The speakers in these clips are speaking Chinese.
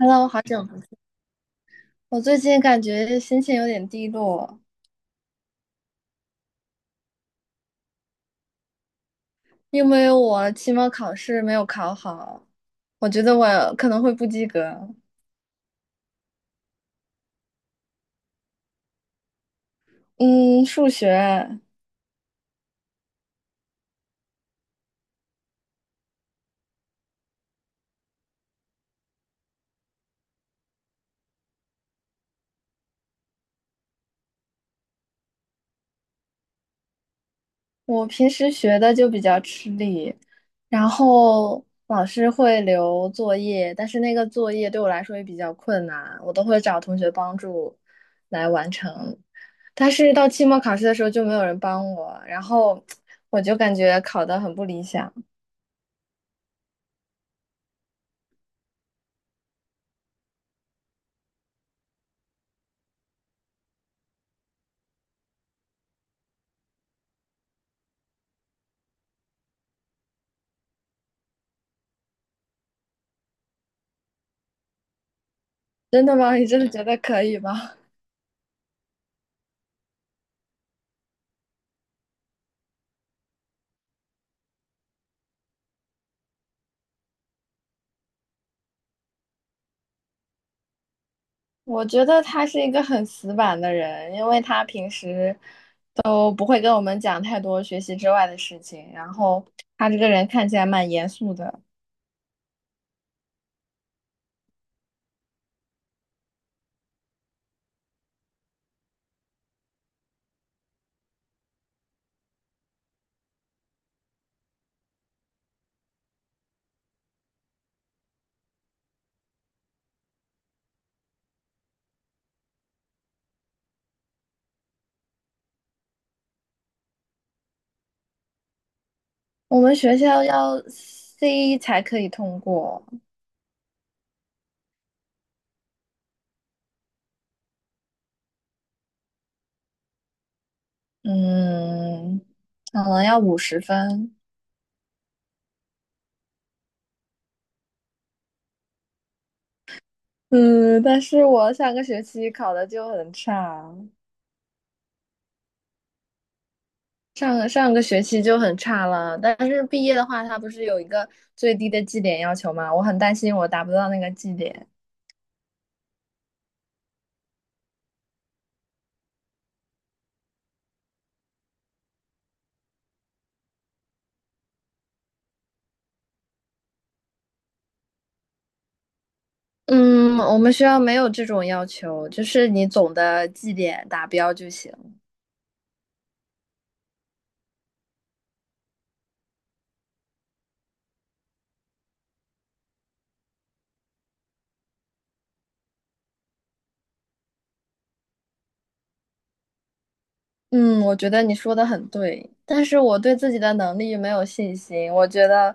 Hello，好久不见。我最近感觉心情有点低落，因为我期末考试没有考好，我觉得我可能会不及格。嗯，数学我平时学的就比较吃力，然后老师会留作业，但是那个作业对我来说也比较困难，我都会找同学帮助来完成。但是到期末考试的时候就没有人帮我，然后我就感觉考得很不理想。真的吗？你真的觉得可以吗？我觉得他是一个很死板的人，因为他平时都不会跟我们讲太多学习之外的事情，然后他这个人看起来蛮严肃的。我们学校要 C 才可以通过，嗯，可能要50分，嗯，但是我上个学期考的就很差，上个学期就很差了，但是毕业的话，它不是有一个最低的绩点要求吗？我很担心我达不到那个绩点。嗯，我们学校没有这种要求，就是你总的绩点达标就行。嗯，我觉得你说的很对，但是我对自己的能力没有信心。我觉得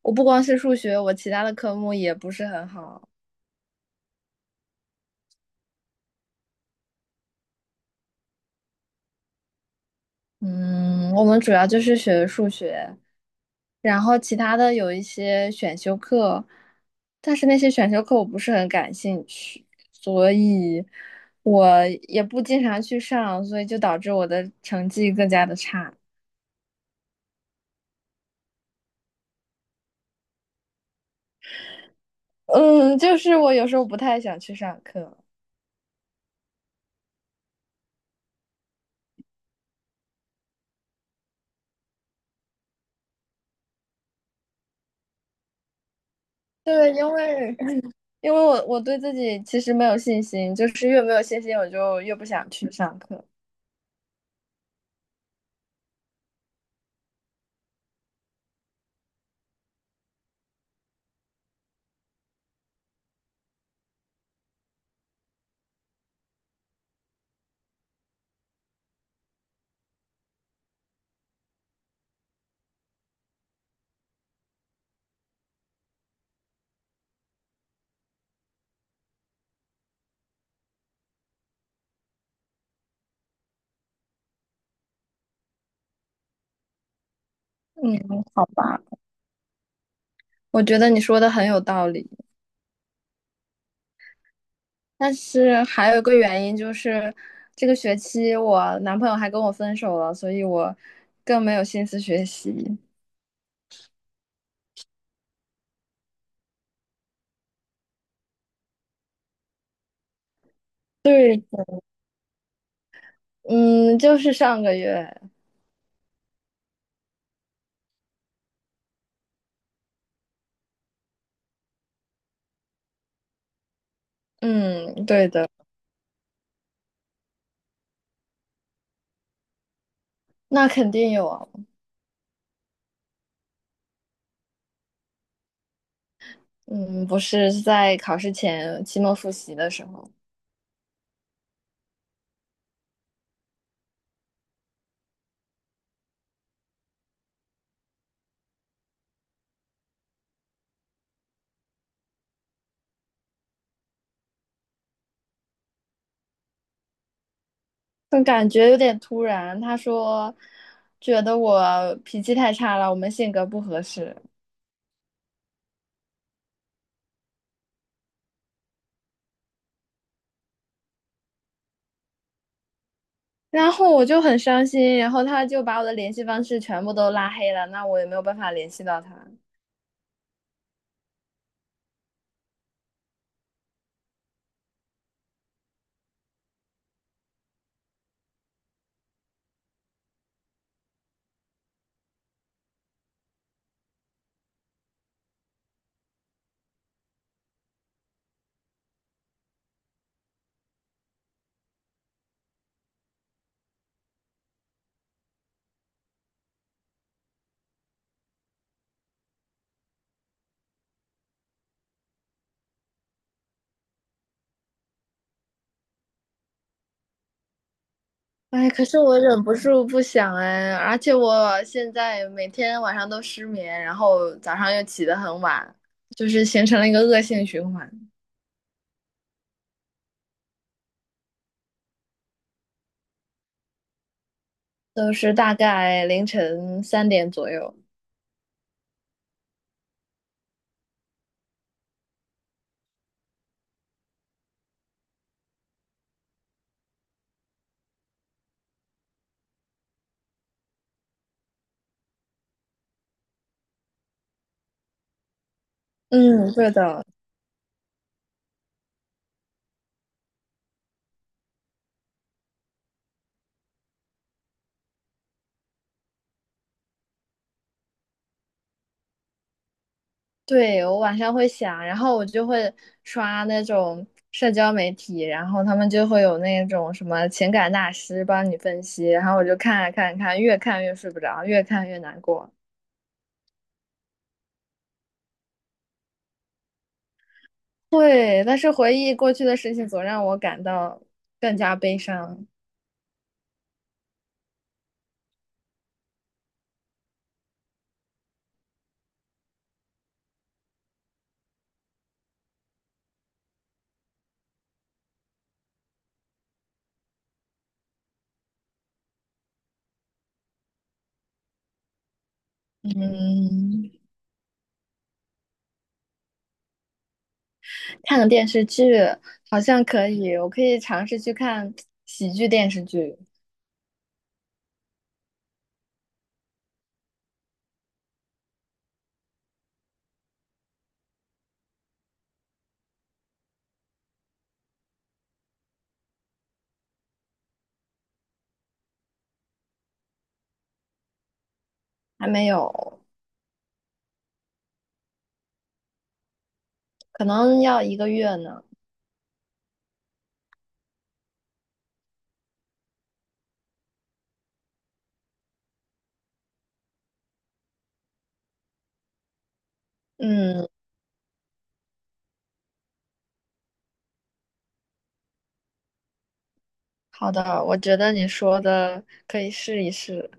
我不光是数学，我其他的科目也不是很好。嗯，我们主要就是学数学。然后其他的有一些选修课，但是那些选修课我不是很感兴趣，所以我也不经常去上，所以就导致我的成绩更加的差。嗯，就是我有时候不太想去上课，对，因为我对自己其实没有信心，就是越没有信心，我就越不想去上课。嗯，好吧，我觉得你说的很有道理。但是还有一个原因就是，这个学期我男朋友还跟我分手了，所以我更没有心思学习。对，嗯，就是上个月，嗯，对的，那肯定有啊，嗯，不是在考试前期末复习的时候，但感觉有点突然。他说，觉得我脾气太差了，我们性格不合适。然后我就很伤心，然后他就把我的联系方式全部都拉黑了，那我也没有办法联系到他。哎，可是我忍不住不想哎，而且我现在每天晚上都失眠，然后早上又起得很晚，就是形成了一个恶性循环，都是大概凌晨3点左右。嗯，对的，对，我晚上会想，然后我就会刷那种社交媒体，然后他们就会有那种什么情感大师帮你分析，然后我就看啊看啊看啊，越看越睡不着，越看越难过。对，但是回忆过去的事情总让我感到更加悲伤。嗯，看个电视剧好像可以，我可以尝试去看喜剧电视剧，还没有，可能要一个月呢。嗯，好的，我觉得你说的可以试一试。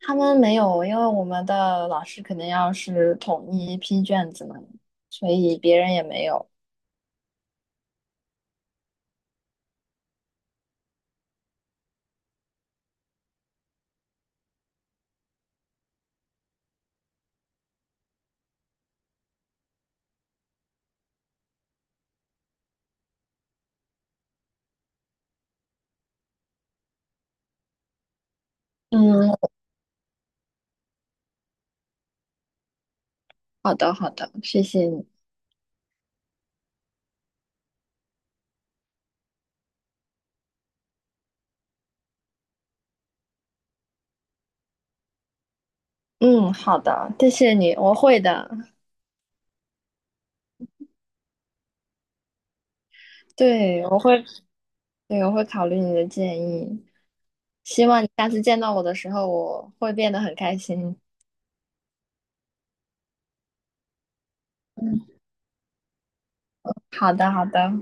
他们没有，因为我们的老师肯定要是统一批卷子嘛，所以别人也没有。嗯，好的，好的，谢谢你。嗯，好的，谢谢你，我会的。对，我会，对，我会考虑你的建议。希望你下次见到我的时候，我会变得很开心。嗯，好的，好的。